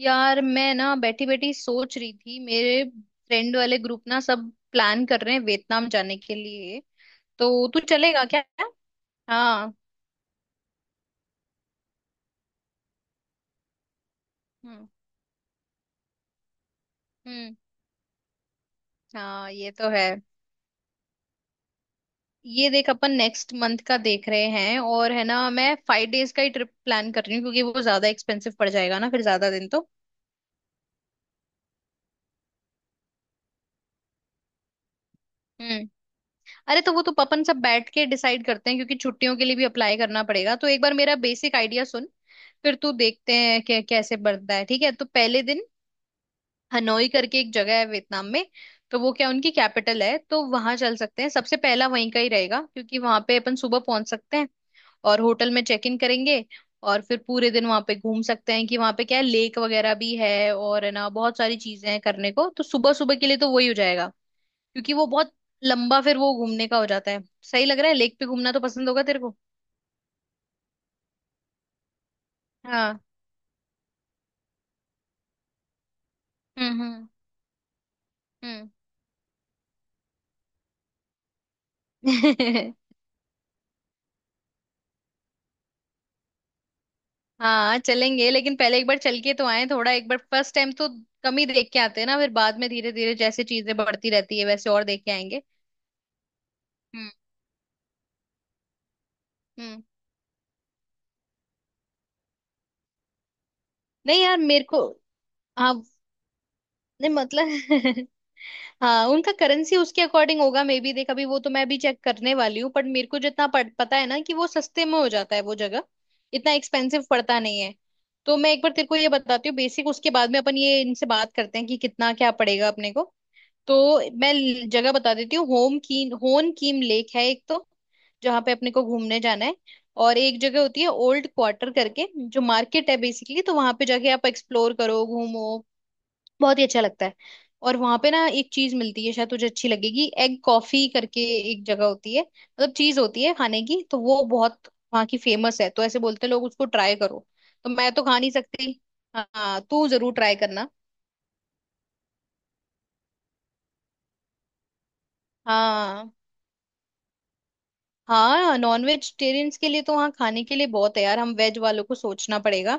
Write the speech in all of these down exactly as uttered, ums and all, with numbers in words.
यार मैं ना बैठी बैठी सोच रही थी मेरे फ्रेंड वाले ग्रुप ना सब प्लान कर रहे हैं वियतनाम जाने के लिए। तो तू चलेगा क्या? हाँ। हम्म। हम्म। हाँ ये तो है। ये देख अपन नेक्स्ट मंथ का देख रहे हैं और है ना, मैं फाइव डेज का ही ट्रिप प्लान कर रही हूँ क्योंकि वो ज्यादा एक्सपेंसिव पड़ जाएगा ना फिर ज्यादा दिन तो। हम्म। अरे तो वो तो अपन सब बैठ के डिसाइड करते हैं क्योंकि छुट्टियों के लिए भी अप्लाई करना पड़ेगा, तो एक बार मेरा बेसिक आइडिया सुन, फिर तू देखते हैं कि कैसे बढ़ता है, ठीक है? तो पहले दिन हनोई करके एक जगह है वियतनाम में, तो वो क्या उनकी कैपिटल है, तो वहां चल सकते हैं। सबसे पहला वहीं का ही रहेगा क्योंकि वहां पे अपन सुबह पहुंच सकते हैं और होटल में चेक इन करेंगे और फिर पूरे दिन वहां पे घूम सकते हैं कि वहां पे क्या है, लेक वगैरह भी है और है ना बहुत सारी चीजें हैं करने को, तो सुबह सुबह के लिए तो वही हो जाएगा क्योंकि वो बहुत लंबा फिर वो घूमने का हो जाता है। सही लग रहा है, लेक पे घूमना तो पसंद होगा तेरे को। हाँ। हम्म। हम्म। हम्म। हाँ चलेंगे, लेकिन पहले एक बार चल के तो आए थोड़ा, एक बार फर्स्ट टाइम तो कम ही देख के आते हैं ना, फिर बाद में धीरे धीरे जैसे चीजें बढ़ती रहती है वैसे और देख के आएंगे। हम्म। हम्म। नहीं यार मेरे को। हाँ नहीं मतलब, हाँ उनका करेंसी उसके अकॉर्डिंग होगा मे बी, देख अभी वो तो मैं भी चेक करने वाली हूँ, बट मेरे को जितना पड़- पता है ना कि वो सस्ते में हो जाता है वो जगह, इतना एक्सपेंसिव पड़ता नहीं है। तो मैं एक बार तेरे को ये बताती हूँ बेसिक, उसके बाद में अपन ये इनसे बात करते हैं कि कितना क्या पड़ेगा अपने को। तो मैं ल- जगह बता देती हूँ, Hoan Kiem Hoan Kiem lake है एक तो, जहाँ पे अपने को घूमने जाना है। और एक जगह होती है ओल्ड क्वार्टर करके, जो मार्केट है बेसिकली, तो वहां पे जाके आप एक्सप्लोर करो, घूमो, बहुत ही अच्छा लगता है। और वहां पे ना एक चीज मिलती है, शायद तुझे अच्छी लगेगी, एग कॉफी करके एक जगह होती है, मतलब चीज होती है खाने की, तो वो बहुत वहाँ की फेमस है, तो ऐसे बोलते हैं लोग, उसको ट्राई करो। तो मैं तो खा नहीं सकती, हाँ तू जरूर ट्राई करना। हाँ, हाँ नॉन वेजिटेरियंस के लिए तो वहाँ खाने के लिए बहुत है यार, हम वेज वालों को सोचना पड़ेगा।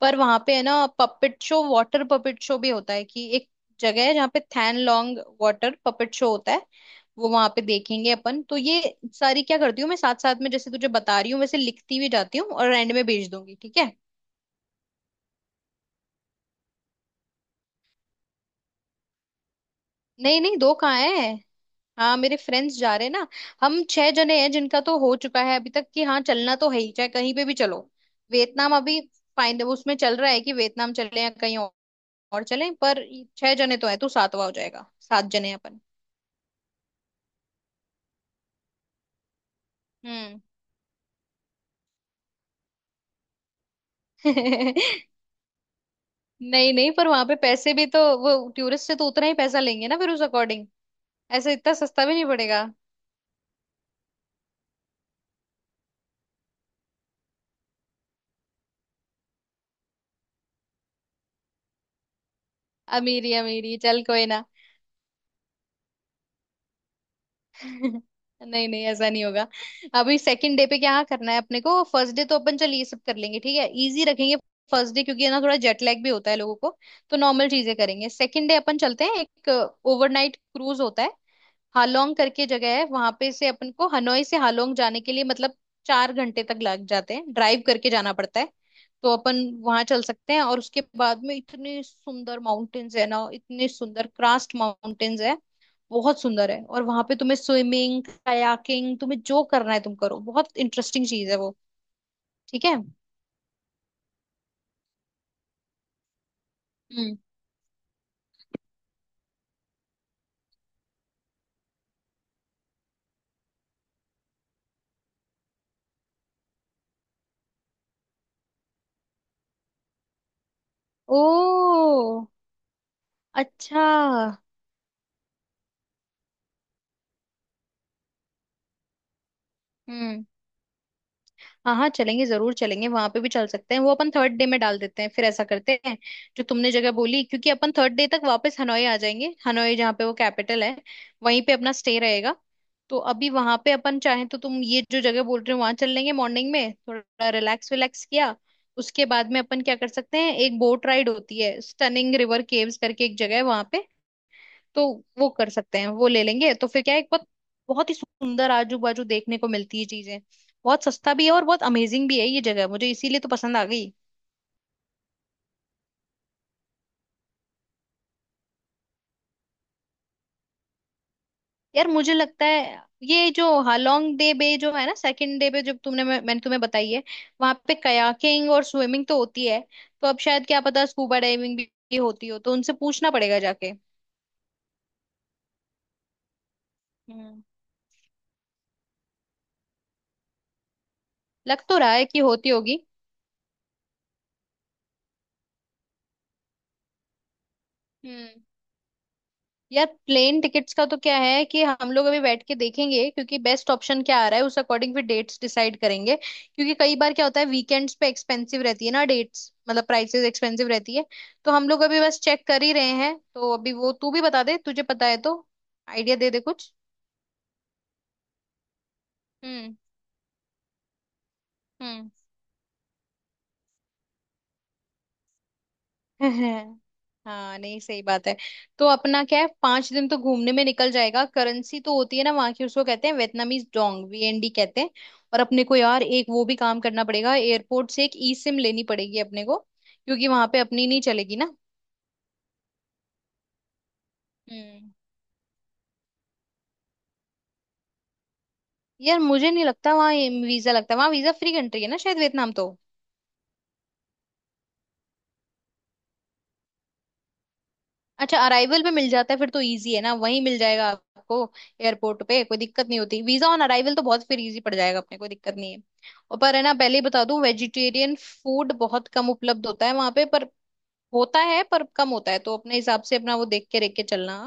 पर वहाँ पे है ना puppet show, water puppet show भी होता है, कि एक जगह है जहाँ पे Thang Long water puppet show होता है, वो वहां पे देखेंगे अपन। तो ये सारी क्या करती हूँ मैं, साथ साथ में जैसे तुझे बता रही हूँ वैसे लिखती भी जाती हूँ और एंड में भेज दूंगी, ठीक है? नहीं नहीं दो कहाँ है। हाँ मेरे फ्रेंड्स जा रहे हैं ना। हम छह जने हैं जिनका तो हो चुका है अभी तक कि हाँ चलना तो है ही चाहे कहीं पे भी चलो। वियतनाम अभी फाइन उसमें चल रहा है कि वियतनाम चले या कहीं और और चले, पर छह जने तो हैं, तो सातवां हो जाएगा, सात जने हैं अपन। हम्म। नहीं नहीं, पर वहां पे पैसे भी तो वो टूरिस्ट से तो उतना ही पैसा लेंगे ना, फिर उस अकॉर्डिंग ऐसे इतना सस्ता भी नहीं पड़ेगा। अमीरी अमीरी, चल कोई ना। नहीं नहीं ऐसा नहीं होगा। अभी सेकंड डे पे क्या करना है अपने को, फर्स्ट डे तो अपन चल ये सब कर लेंगे, ठीक है, इजी रखेंगे फर्स्ट डे, क्योंकि है ना थोड़ा जेट लैग भी होता है लोगों को, तो नॉर्मल चीजें करेंगे। सेकंड डे अपन चलते हैं, एक ओवरनाइट क्रूज होता है, हालोंग करके जगह है वहां पे, से अपन को हनोई से हालोंग जाने के लिए मतलब चार घंटे तक लग जाते हैं, ड्राइव करके जाना पड़ता है। तो अपन वहां चल सकते हैं, और उसके बाद में इतने सुंदर माउंटेन्स है ना, इतने सुंदर क्रास्ट माउंटेन्स है, बहुत सुंदर है। और वहां पे तुम्हें स्विमिंग, कायाकिंग, तुम्हें जो करना है तुम करो, बहुत इंटरेस्टिंग चीज है वो। ठीक है। हम्म। ओ अच्छा। हम्म। हाँ हाँ चलेंगे, जरूर चलेंगे, वहां पे भी चल सकते हैं, वो अपन थर्ड डे में डाल देते हैं, फिर ऐसा करते हैं, जो तुमने जगह बोली, क्योंकि अपन थर्ड डे तक वापस हनोई आ जाएंगे, हनोई जहाँ पे वो कैपिटल है वहीं पे अपना स्टे रहेगा। तो अभी वहां पे अपन चाहें तो तुम ये जो जगह बोल रहे हो वहां चल लेंगे, मॉर्निंग में थोड़ा रिलैक्स विलैक्स किया, उसके बाद में अपन क्या कर सकते हैं, एक बोट राइड होती है, स्टनिंग रिवर केव्स करके एक जगह है वहां पे, तो वो कर सकते हैं, वो ले लेंगे। तो फिर क्या है एक बहुत बहुत ही सुंदर आजू बाजू देखने को मिलती है चीजें, बहुत सस्ता भी है और बहुत अमेजिंग भी है ये जगह, मुझे इसीलिए तो पसंद आ गई। यार मुझे लगता है ये जो हालोंग डे बे जो है ना, सेकंड डे पे जो तुमने, मैं, मैंने तुम्हें बताई है, वहां पे कयाकिंग और स्विमिंग तो होती है, तो अब शायद क्या पता स्कूबा डाइविंग भी होती हो, तो उनसे पूछना पड़ेगा जाके। हम्म। लग तो रहा है कि होती होगी। हम्म। यार प्लेन टिकट्स का तो क्या है कि हम लोग अभी बैठ के देखेंगे क्योंकि बेस्ट ऑप्शन क्या आ रहा है उस अकॉर्डिंग फिर डेट्स डिसाइड करेंगे क्योंकि कई बार क्या होता है वीकेंड्स पे एक्सपेंसिव रहती है ना डेट्स, मतलब प्राइसेस एक्सपेंसिव रहती है। तो हम लोग अभी बस चेक कर ही रहे हैं, तो अभी वो तू भी बता दे, तुझे पता है तो आइडिया दे दे कुछ। हम्म। हम्म। हाँ नहीं सही बात है। तो अपना क्या है, पांच दिन तो घूमने में निकल जाएगा। करेंसी तो होती है ना वहां की, उसको कहते हैं Vietnamese Dong, V N D कहते हैं। और अपने को यार एक वो भी काम करना पड़ेगा, एयरपोर्ट से एक ई सिम लेनी पड़ेगी अपने को, क्योंकि वहां पे अपनी नहीं चलेगी ना। हम्म। यार मुझे नहीं लगता वहाँ वीजा लगता है, वहाँ वीजा फ्री कंट्री है ना शायद वियतनाम तो। अच्छा अराइवल पे मिल जाता है, फिर तो इजी है ना, वहीं मिल जाएगा आपको एयरपोर्ट पे, कोई दिक्कत नहीं होती। वीजा ऑन अराइवल तो बहुत फिर इजी पड़ जाएगा अपने, कोई दिक्कत नहीं है। और पर है ना पहले ही बता दूं, वेजिटेरियन फूड बहुत कम उपलब्ध होता है वहां पे, पर होता है, पर कम होता है, तो अपने हिसाब से अपना वो देख के देख के चलना।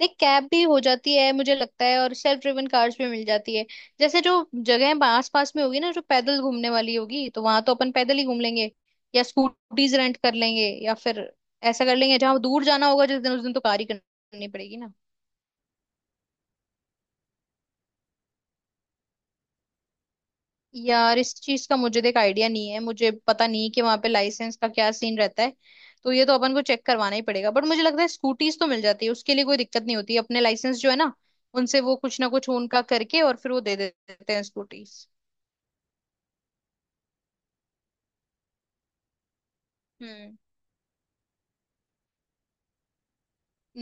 देख कैब भी हो जाती है मुझे लगता है, और सेल्फ ड्रिवन कार्स भी मिल जाती है। जैसे जो जगह आस पास में होगी ना, जो पैदल घूमने वाली होगी, तो वहां तो अपन पैदल ही घूम लेंगे, या स्कूटीज रेंट कर लेंगे, या फिर ऐसा कर लेंगे। जहां दूर जाना होगा जिस दिन, उस दिन तो कार ही करनी पड़ेगी ना। यार इस चीज का मुझे देख आइडिया नहीं है, मुझे पता नहीं कि वहां पे लाइसेंस का क्या सीन रहता है, तो ये तो अपन को चेक करवाना ही पड़ेगा, बट मुझे लगता है स्कूटीज तो मिल जाती है, उसके लिए कोई दिक्कत नहीं होती, अपने लाइसेंस जो है ना, उनसे वो कुछ ना कुछ उनका करके और फिर वो दे देते हैं स्कूटीज। हम्म।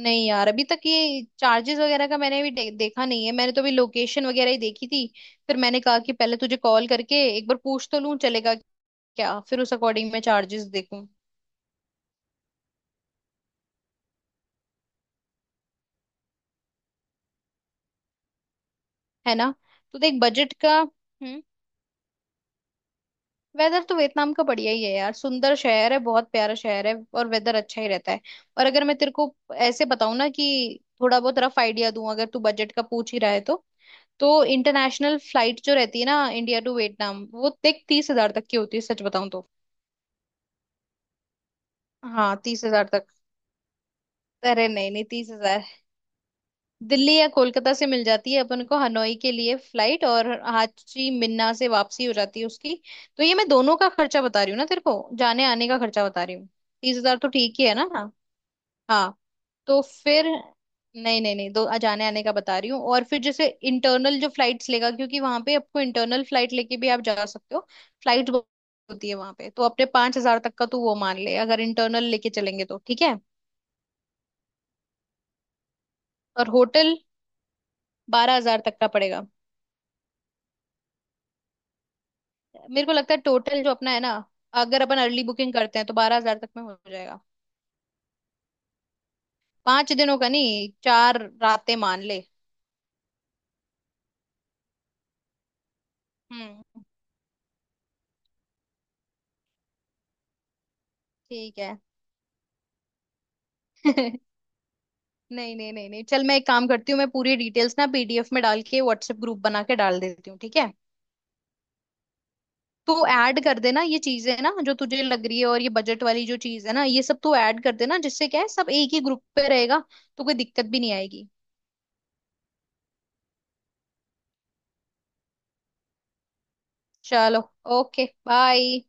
नहीं यार अभी तक ये चार्जेस वगैरह का मैंने अभी दे, देखा नहीं है, मैंने तो अभी लोकेशन वगैरह ही देखी थी, फिर मैंने कहा कि पहले तुझे कॉल करके एक बार पूछ तो लूं, चलेगा क्या, फिर उस अकॉर्डिंग मैं चार्जेस देखूं। है ना, तो देख बजट का। हम्म। वेदर तो वियतनाम का बढ़िया ही है यार, सुंदर शहर है, बहुत प्यारा शहर है और वेदर अच्छा ही रहता है। और अगर मैं तेरे को ऐसे बताऊं ना कि थोड़ा बहुत रफ आइडिया दूं, अगर तू बजट का पूछ ही रहा है तो तो इंटरनेशनल फ्लाइट जो रहती है ना, इंडिया टू वियतनाम, वो देख तीस हजार तक की होती है, सच बताऊं तो। हाँ तीस हजार तक। अरे नहीं नहीं तीस हजार। दिल्ली या कोलकाता से मिल जाती है अपन को हनोई के लिए फ्लाइट, और हाची मिन्ना से वापसी हो जाती है उसकी। तो ये मैं दोनों का खर्चा बता रही हूँ ना तेरे को, जाने आने का खर्चा बता रही हूँ। तीस हजार तो ठीक ही है ना। हाँ। तो फिर नहीं नहीं नहीं, दो जाने आने का बता रही हूँ। और फिर जैसे इंटरनल जो फ्लाइट्स लेगा, क्योंकि वहां पे आपको इंटरनल फ्लाइट लेके भी आप जा सकते हो, फ्लाइट होती है वहां पे, तो अपने पांच हजार तक का तू वो मान ले अगर इंटरनल लेके चलेंगे तो, ठीक है। और होटल बारह हजार तक का पड़ेगा, मेरे को लगता है, टोटल जो अपना है ना, अगर अपन अर्ली बुकिंग करते हैं तो बारह हजार तक में हो जाएगा। पांच दिनों का नहीं, चार रातें मान ले। हम्म। ठीक है। नहीं नहीं नहीं नहीं, चल मैं एक काम करती हूँ, मैं पूरी डिटेल्स ना पी डी एफ में डाल के व्हाट्सएप ग्रुप बना के डाल देती हूँ, ठीक है? तो ऐड कर देना ये चीजें ना जो तुझे लग रही है, और ये बजट वाली जो चीज है ना ये सब तू ऐड कर देना, जिससे क्या है सब एक ही ग्रुप पे रहेगा, तो कोई दिक्कत भी नहीं आएगी। चलो, ओके, बाय।